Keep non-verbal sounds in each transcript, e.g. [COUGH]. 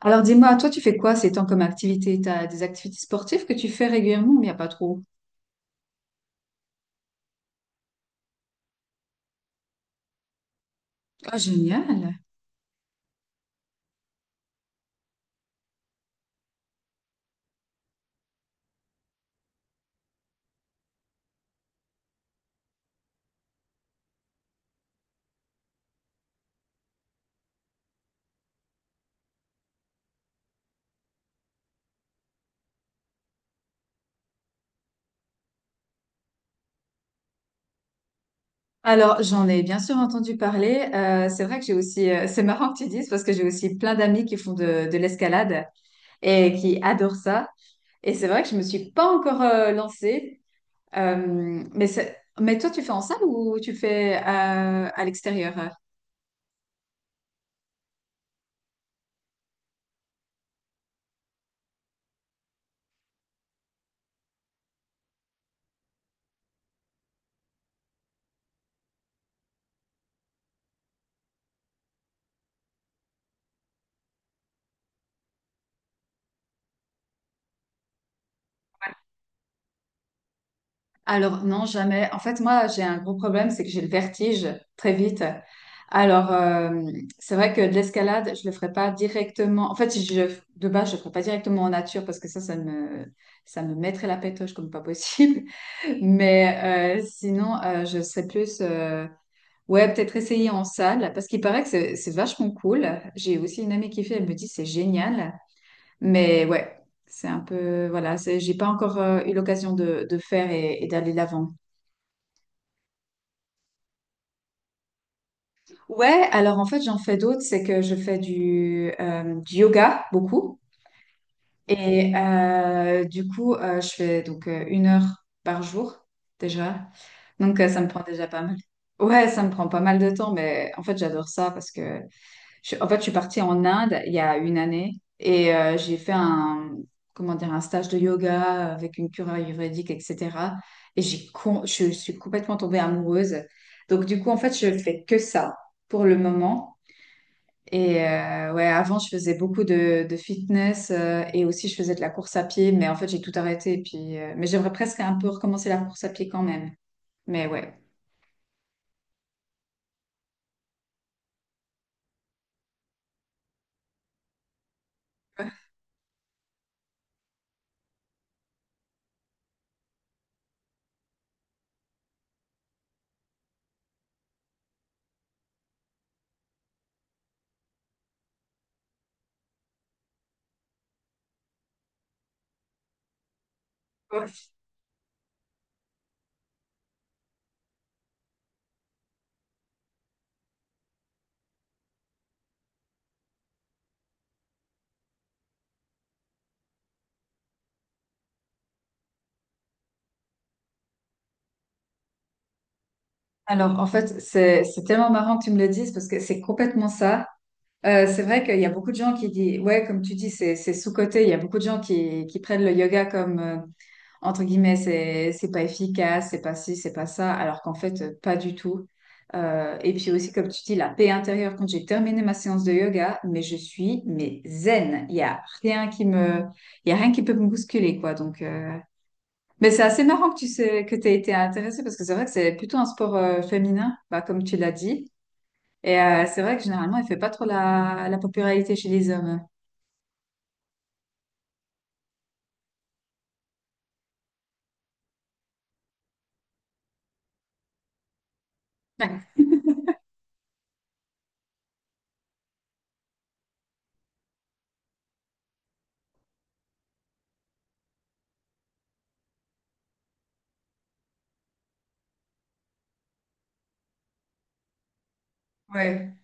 Alors dis-moi, toi tu fais quoi ces temps comme activité? T'as des activités sportives que tu fais régulièrement ou il n'y a pas trop? Ah, génial. Alors j'en ai bien sûr entendu parler. C'est vrai que j'ai aussi, c'est marrant que tu dises parce que j'ai aussi plein d'amis qui font de l'escalade et qui adorent ça. Et c'est vrai que je me suis pas encore lancée. Mais, mais toi tu fais en salle ou tu fais à l'extérieur? Alors non, jamais. En fait, moi, j'ai un gros problème, c'est que j'ai le vertige très vite. Alors, c'est vrai que de l'escalade, je le ferai pas directement. En fait, si je, de base, je le ferai pas directement en nature parce que ça me mettrait la pétoche comme pas possible. [LAUGHS] Mais sinon, je serais plus, ouais, peut-être essayer en salle parce qu'il paraît que c'est vachement cool. J'ai aussi une amie qui fait, elle me dit c'est génial. Mais ouais, c'est un peu, voilà, j'ai pas encore eu l'occasion de faire et d'aller l'avant. Ouais, alors en fait, j'en fais d'autres. C'est que je fais du yoga beaucoup. Et du coup, je fais donc une heure par jour déjà. Donc, ça me prend déjà pas mal. Ouais, ça me prend pas mal de temps, mais en fait, j'adore ça parce que en fait, je suis partie en Inde il y a une année et j'ai fait un, comment dire, un stage de yoga avec une cure ayurvédique, etc. Et je suis complètement tombée amoureuse. Donc, du coup, en fait, je fais que ça pour le moment. Et ouais, avant, je faisais beaucoup de fitness et aussi je faisais de la course à pied, mais en fait, j'ai tout arrêté. Et puis, mais j'aimerais presque un peu recommencer la course à pied quand même. Mais ouais. [LAUGHS] Alors, en fait, c'est tellement marrant que tu me le dises parce que c'est complètement ça. C'est vrai qu'il y a beaucoup de gens qui disent, ouais, comme tu dis, c'est sous-coté. Il y a beaucoup de gens qui prennent le yoga comme, entre guillemets, c'est pas efficace, c'est pas ci, c'est pas ça, alors qu'en fait, pas du tout. Et puis aussi, comme tu dis, la paix intérieure quand j'ai terminé ma séance de yoga, mais je suis mais zen. Il y a rien qui peut me bousculer, quoi. Donc, mais c'est assez marrant que tu sais que t'aies été intéressée parce que c'est vrai que c'est plutôt un sport féminin, bah, comme tu l'as dit. Et c'est vrai que généralement, il fait pas trop la popularité chez les hommes. Ouais.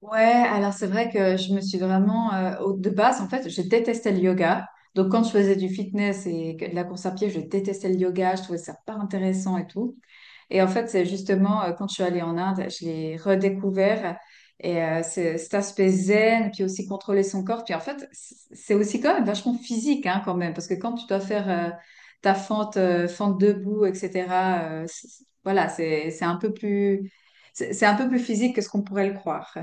Ouais, alors c'est vrai que je me suis vraiment, de base, en fait, je détestais le yoga. Donc quand je faisais du fitness de la course à pied, je détestais le yoga, je trouvais ça pas intéressant et tout. Et en fait, c'est justement quand je suis allée en Inde, je l'ai redécouvert. Et cet aspect zen, puis aussi contrôler son corps. Puis en fait, c'est aussi quand même vachement physique, hein, quand même. Parce que quand tu dois faire ta fente, fente debout, etc., voilà, c'est un peu plus physique que ce qu'on pourrait le croire.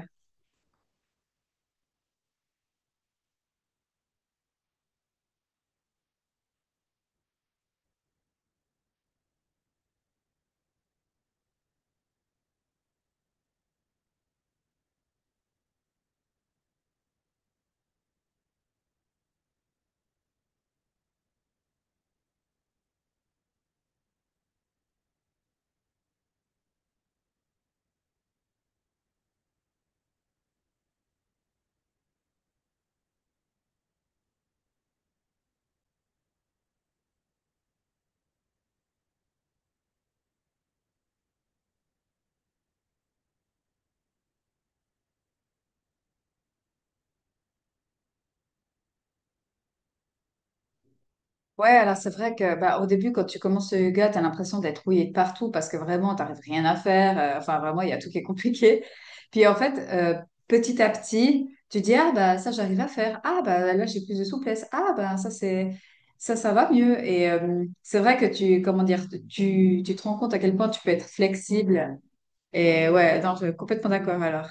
Ouais, alors c'est vrai que bah, au début, quand tu commences le yoga, tu as l'impression d'être rouillé de partout parce que vraiment, tu n'arrives rien à faire. Enfin, vraiment, il y a tout qui est compliqué. [LAUGHS] Puis en fait, petit à petit, tu dis, ah bah ça, j'arrive à faire. Ah bah là, j'ai plus de souplesse. Ah bah ça, c'est ça, ça va mieux. Et c'est vrai que comment dire, tu te rends compte à quel point tu peux être flexible. Et ouais, non, je suis complètement d'accord alors.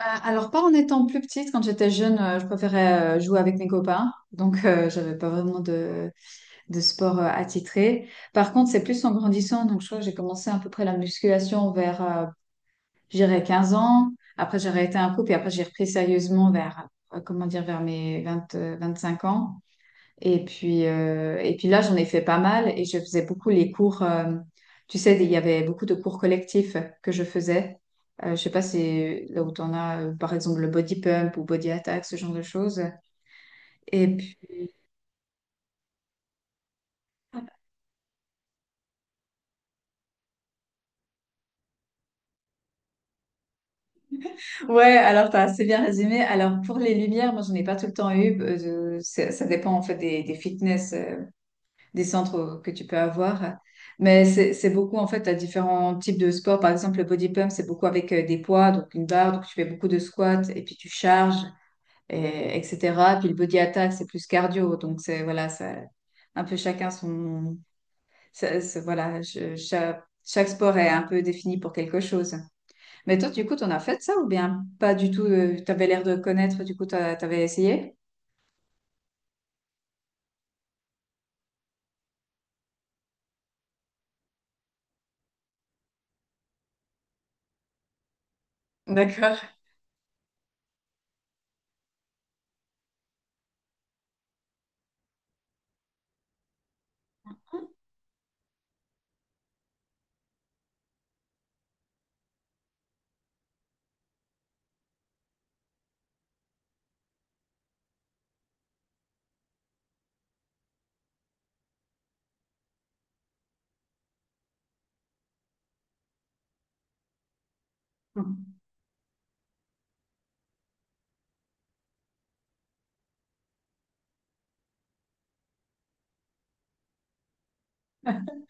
Alors, pas en étant plus petite, quand j'étais jeune, je préférais jouer avec mes copains. Donc, j'avais pas vraiment de sport attitré. Par contre, c'est plus en grandissant. Donc, je crois que j'ai commencé à peu près la musculation vers, j'irais 15 ans. Après, j'ai arrêté un coup, puis après, j'ai repris sérieusement comment dire, vers mes vingt cinq ans. Et puis là, j'en ai fait pas mal et je faisais beaucoup les cours. Tu sais, il y avait beaucoup de cours collectifs que je faisais. Je sais pas si là où tu en as, par exemple, le body pump ou body attack, ce genre de choses. Et puis, Ouais, alors t'as assez bien résumé. Alors pour les lumières, moi j'en ai pas tout le temps eu. Ça dépend en fait des centres que tu peux avoir. Mais c'est beaucoup en fait à différents types de sports. Par exemple, le body pump, c'est beaucoup avec des poids, donc une barre, donc tu fais beaucoup de squats et puis tu charges, et, etc. Puis le body attack, c'est plus cardio. Donc c'est voilà, ça, un peu chacun son. Voilà, chaque sport est un peu défini pour quelque chose. Mais toi, du coup, t'en as fait ça ou bien pas du tout? T'avais l'air de connaître, du coup, t'avais essayé? D'accord. [LAUGHS]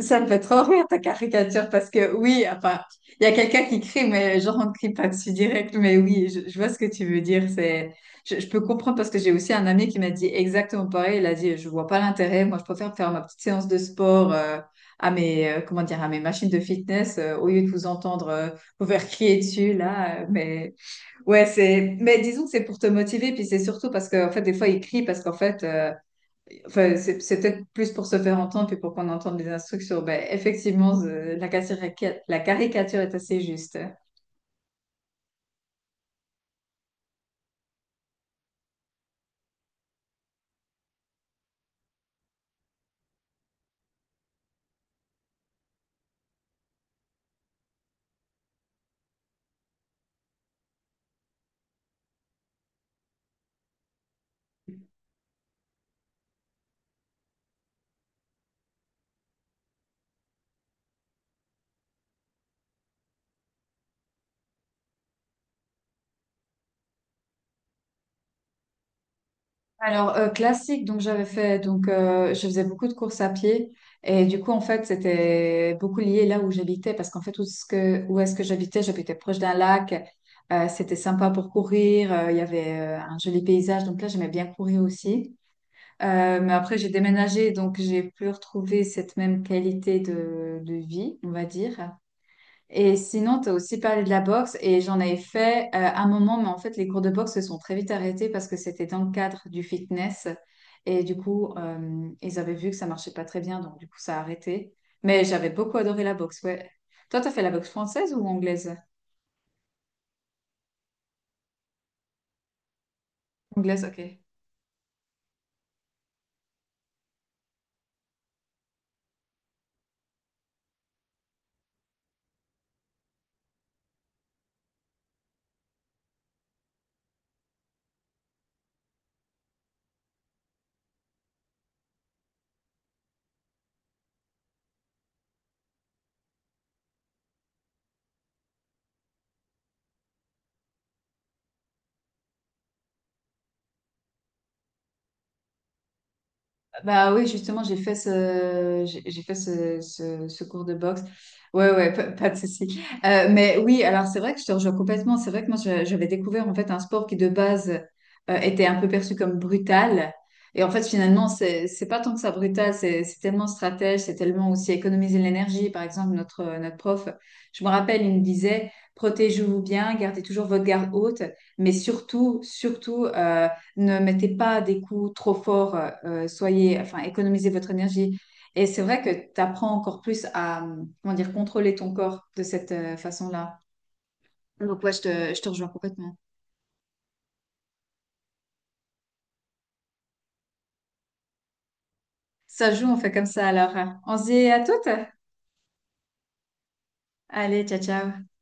Ça me fait trop rire ta caricature parce que oui, enfin, il y a quelqu'un qui crie, mais genre on ne crie pas dessus direct. Mais oui, je vois ce que tu veux dire. Je peux comprendre parce que j'ai aussi un ami qui m'a dit exactement pareil. Il a dit, je vois pas l'intérêt. Moi, je préfère faire ma petite séance de sport comment dire, à mes machines de fitness au lieu de vous entendre vous faire crier dessus là. Mais ouais, c'est. Mais disons que c'est pour te motiver, puis c'est surtout parce que, en fait, des fois, ils crient parce qu'en fait, enfin, c'est peut-être plus pour se faire entendre, puis pour qu'on entende les instructions. Ben, effectivement, la caricature est assez juste. Alors, classique, donc je faisais beaucoup de courses à pied et du coup, en fait, c'était beaucoup lié là où j'habitais parce qu'en fait, où est-ce que j'habitais? J'habitais proche d'un lac, c'était sympa pour courir, il y avait un joli paysage, donc là, j'aimais bien courir aussi. Mais après, j'ai déménagé, donc j'ai plus retrouvé cette même qualité de vie, on va dire. Et sinon, tu as aussi parlé de la boxe et j'en avais fait un moment, mais en fait, les cours de boxe se sont très vite arrêtés parce que c'était dans le cadre du fitness et du coup, ils avaient vu que ça marchait pas très bien, donc du coup, ça a arrêté. Mais j'avais beaucoup adoré la boxe, ouais. Toi, tu as fait la boxe française ou anglaise? Anglaise, ok. Bah oui, justement, j'ai fait ce cours de boxe. Ouais, ouais, pas de souci. Mais oui, alors c'est vrai que je te rejoins complètement. C'est vrai que moi, j'avais découvert en fait un sport qui de base était un peu perçu comme brutal. Et en fait, finalement, c'est pas tant que ça brutal, c'est tellement stratège, c'est tellement aussi économiser de l'énergie. Par exemple, notre prof, je me rappelle, il me disait, protégez-vous bien, gardez toujours votre garde haute, mais surtout, surtout, ne mettez pas des coups trop forts, enfin, économisez votre énergie. Et c'est vrai que tu apprends encore plus à, comment dire, contrôler ton corps de cette façon-là. Donc ouais, je te rejoins complètement. Ça joue, on fait comme ça alors. On se dit à toutes. Allez, ciao, ciao.